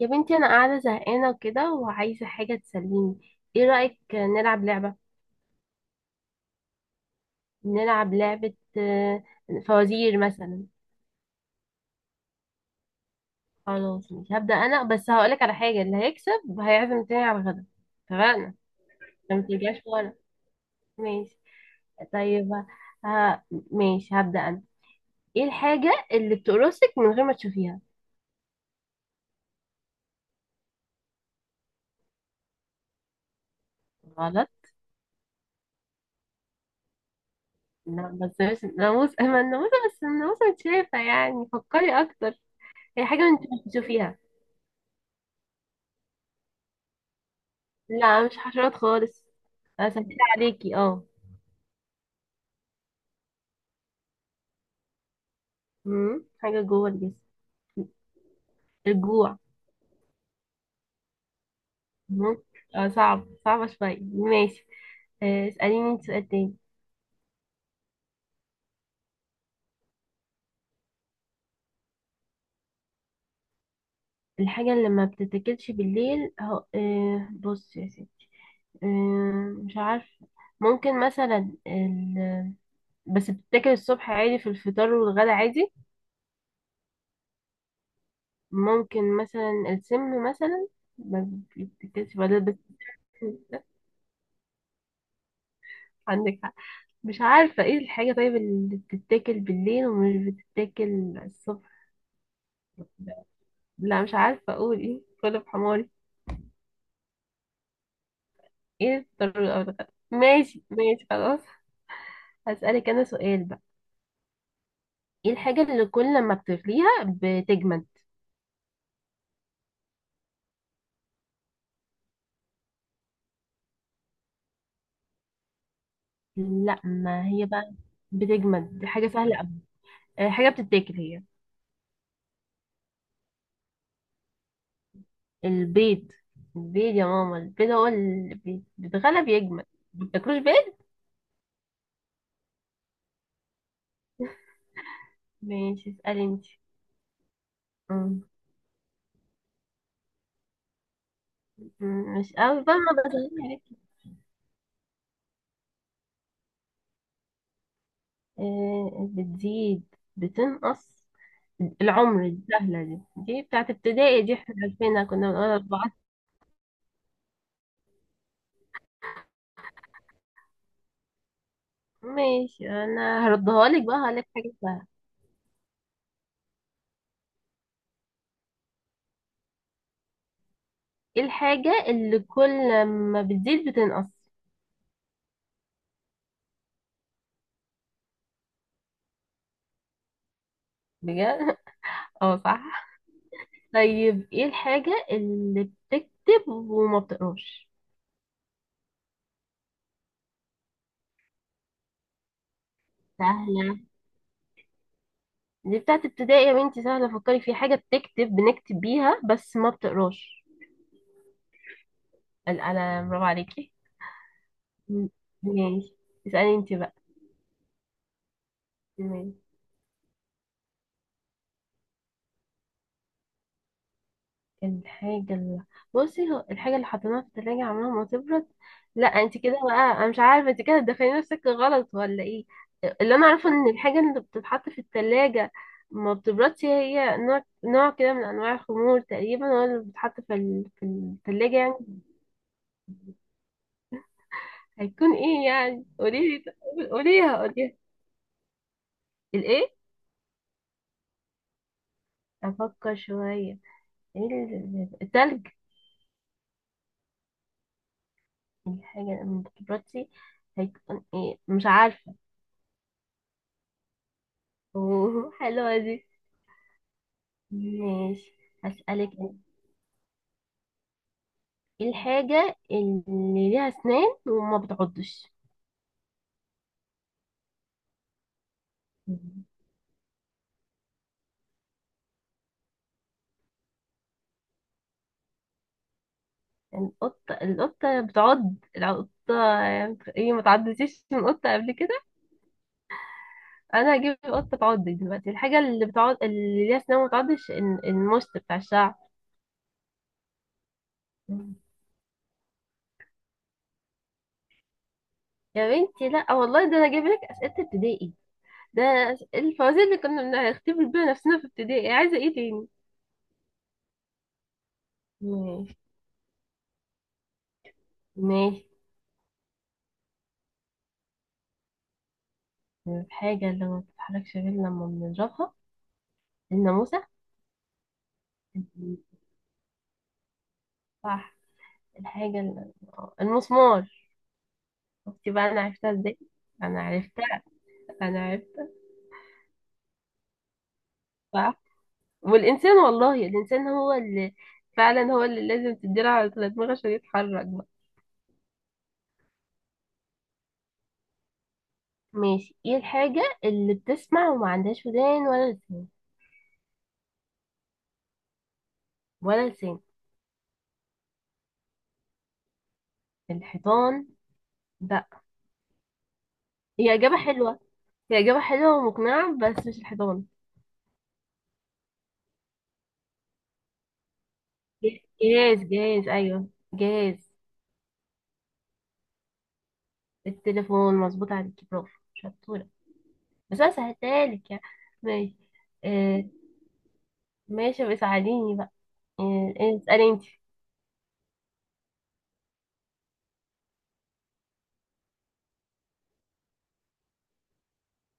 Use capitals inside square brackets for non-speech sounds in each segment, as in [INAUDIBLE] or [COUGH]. يا بنتي انا قاعده زهقانه وكده وعايزه حاجه تسليني. ايه رايك نلعب لعبه؟ نلعب لعبه. فوازير مثلا. خلاص مش هبدا انا، بس هقولك على حاجه، اللي هيكسب هيعزم التاني على الغدا. اتفقنا؟ عشان ما ترجعش ورا. ماشي. طيب. ها. ماشي هبدا انا. ايه الحاجه اللي بتقرصك من غير ما تشوفيها؟ غلط. لا، بس ناموس، ما الناموسه، بس الناموسه متشافه، يعني فكري اكتر. هي حاجه انت مش بتشوفيها. لا مش حشرات خالص. اسهل عليكي، اه. حاجة جوه الجسم. الجوع. مم. اه صعب، صعبة شوية، ماشي. اسأليني انت سؤال تاني. الحاجة اللي ما بتتاكلش بالليل هو، بص يا ستي. مش عارفة. ممكن مثلا بس بتتاكل الصبح عادي في الفطار والغدا عادي. ممكن مثلا السم مثلا، ما بتتاكلش بعدين بس. [LAUGHS] عندك. مش عارفة ايه الحاجة طيب اللي بتتاكل بالليل ومش بتتاكل الصبح. لا مش عارفة اقول ايه، كله بحماري. ايه الضرورة او الغدا، ماشي ماشي خلاص. هسألك انا سؤال بقى. ايه الحاجة اللي كل ما بتغليها بتجمد؟ لا ما هي بقى بتجمد دي حاجة سهلة أوي. حاجة بتتاكل هي. البيض. البيض يا ماما، البيض هو اللي بيتغلى بيجمد. ما بتاكلوش بيض. ماشي. اسألي انتي. مم. مش قوي بقى، ما بتغلي عليك. بتزيد بتنقص. العمر، السهلة دي، دي بتاعت ابتدائي، دي احنا عارفينها كنا بنقول أربعة. ماشي، أنا هردها لك بقى، هقولك حاجة سهلة. ايه الحاجة اللي كل ما بتزيد بتنقص؟ بجد. [LAUGHS] اه صح. طيب، ايه الحاجة اللي بتكتب وما بتقراش؟ سهلة، دي بتاعت ابتدائي يا بنتي، سهلة، فكري في حاجة بتكتب، بنكتب بيها بس ما بتقراش. القلم، برافو عليكي. م- ماشي. اسألي انت بقى. ماشي. الحاجة اللي، بصي، هو الحاجة اللي حطيناها في التلاجة عمرها ما تبرد. لا انت كده بقى، انا مش عارفة انت كده تدخلي نفسك غلط ولا ايه. اللي انا عارفة ان الحاجة اللي بتتحط في التلاجة ما بتبردش، هي نوع كده من انواع الخمور تقريبا، هو اللي بتتحط في في التلاجة يعني. هيكون ايه يعني، قوليلي. قوليها قوليها. الايه؟ افكر شوية. ايه التلج؟ الحاجة اللي ما بتبردش هيكون ايه، مش عارفة. [LAUGHS] اوه، حلوة دي. ماشي، هسألك أنا. ايه الحاجة اللي ليها أسنان وما بتعضش؟ القطة بتعض، القطة. ايه، ما تعضتيش من قطة قبل كده؟ أنا هجيب قطة تعض دلوقتي. الحاجة اللي بتعض اللي ليها أسنان وما بتعضش المشط بتاع الشعر. مم. يا بنتي لا، آه والله ده أنا جايب لك أسئلة ابتدائي، ده الفوازير اللي كنا بنختبر بيها نفسنا في ابتدائي. إيه، عايزة ايه تاني؟ ماشي. ماشي. الحاجة اللي ما بتتحركش غير لما بنضربها، الناموس. صح. الحاجة المسمار. شفتي بقى، أنا عرفتها ازاي. أنا عرفتها. أنا عرفتها. صح. والإنسان، والله الإنسان هو اللي، فعلا هو اللي لازم تديله على دماغه عشان يتحرك بقى. ماشي. ايه الحاجة اللي بتسمع وما عندهاش ودان ولا لسان؟ ولا لسان. الحيطان، لا. هي إجابة حلوة، هي إجابة حلوة ومقنعة، بس مش الحيطان. جهاز أيوه، جهاز. التليفون، مظبوط عليكي، برافو شطورة. بس انا سهلتهالك يعني. ماشي. آه. ماشي، بس ساعديني بقى. اسألي انت.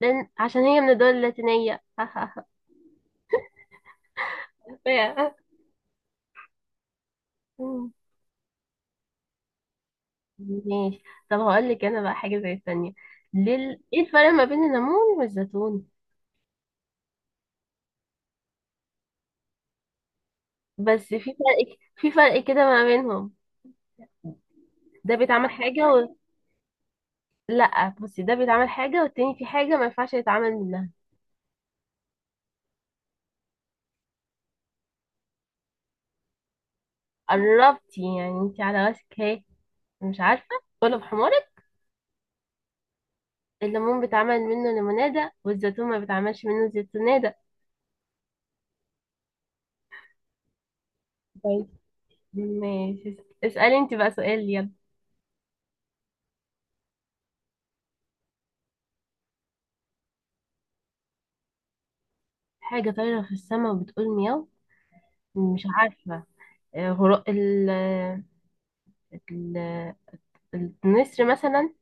لأن عشان هي من الدول اللاتينية [LAUGHS] فيها. ماشي. طب هقول لك انا بقى حاجة زي الثانية. ليه ايه الفرق ما بين الليمون والزيتون؟ بس في فرق، في فرق كده ما بينهم. ده بيتعمل حاجة لا بصي، ده بيتعمل حاجة والتاني في حاجة ما ينفعش يتعمل منها. قربتي يعني، انت على راسك اهي. مش عارفة، كله بحمار. الليمون بيتعمل منه ليمونادة، والزيتون ما بيتعملش منه زيتونادة. طيب. ماشي. اسألي انت بقى سؤال يلا. حاجة طايرة في السماء وبتقول مياو، مش عارفة. غراب ال ال النسر مثلا.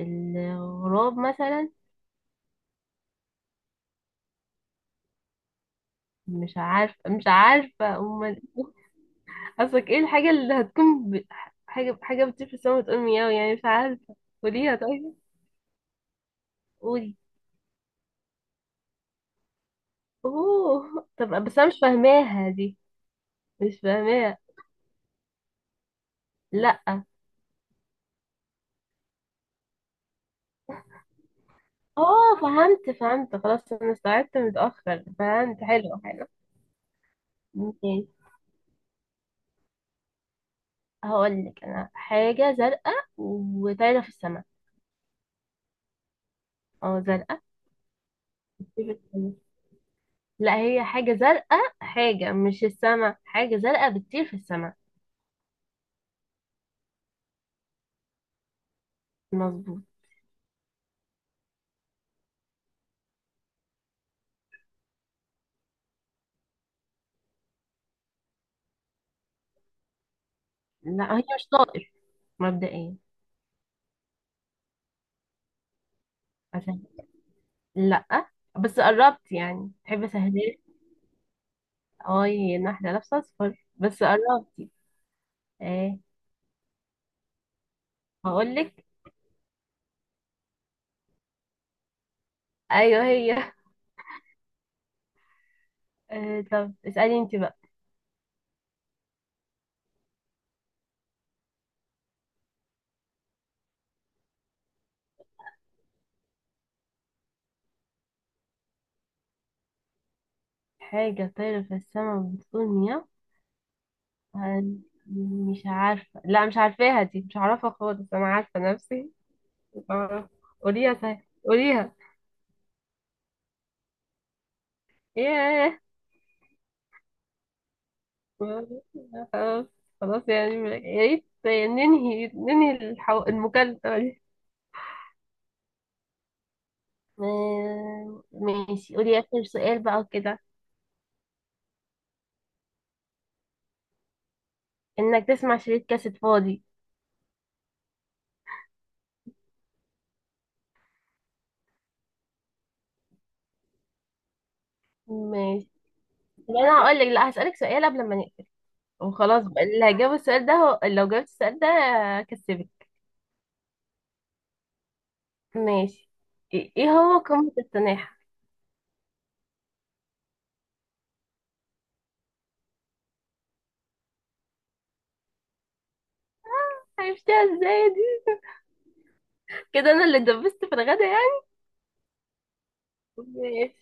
الغراب مثلا. مش عارفة مش عارفة، أمال إيه؟ قصدك ايه الحاجة اللي هتكون حاجة بتطير في السماء وتقول مياو يعني، مش عارفة. قوليها طيب. قولي. اوه، طب بس انا مش فاهماها دي، مش فاهماها. لا. اه فهمت فهمت، خلاص انا استوعبت متأخر، فهمت، حلو حلو. ماشي. هقول لك انا حاجة زرقاء وطايرة في السماء. اه زرقاء. بتطير في السماء. لا، هي حاجة زرقاء، حاجة مش السماء، حاجة زرقاء بتطير في السماء. مظبوط. لا هي مش طائر، مبدئيا. عشان، لا، بس قربت يعني، تحب اسهلك. اه، هي إن واحدة لابسة اصفر، بس قربتي. ايه. هقول لك. ايوه هي. آه، طب اسألي انت بقى. حاجة طايرة في السماء بتطول نيا. هن- مش عارفة، لا مش عارفاها دي، مش عارفة خالص، أنا عارفة نفسي، مش عارفة. قوليها صحيح، قوليها. ياه. [LAUGHS] خلاص، خلاص يعني، يا ريت ننهي، ننهي المكالمة دي. ماشي، قولي آخر سؤال بقى كده. إنك تسمع شريط كاسيت فاضي. ماشي. لا، أنا هقول لك، لا هسألك سؤال قبل ما نقفل، وخلاص بقى، اللي هجاوب السؤال ده لو جاوبت السؤال ده كسبت. ماشي. ايه، إيه هو قمة التناحة؟ عرفتها ازاي دي؟ كده انا اللي دبست في الغدا يعني. ماشي.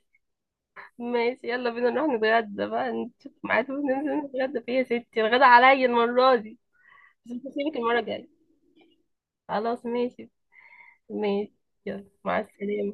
ماشي، يلا بينا نروح نتغدى بقى، نشوف ميعاد وننزل نتغدى فيه يا ستي، الغدا عليا المرة دي. بس مش هسيبك المرة الجاية. خلاص ماشي. ماشي. يلا مع السلامة.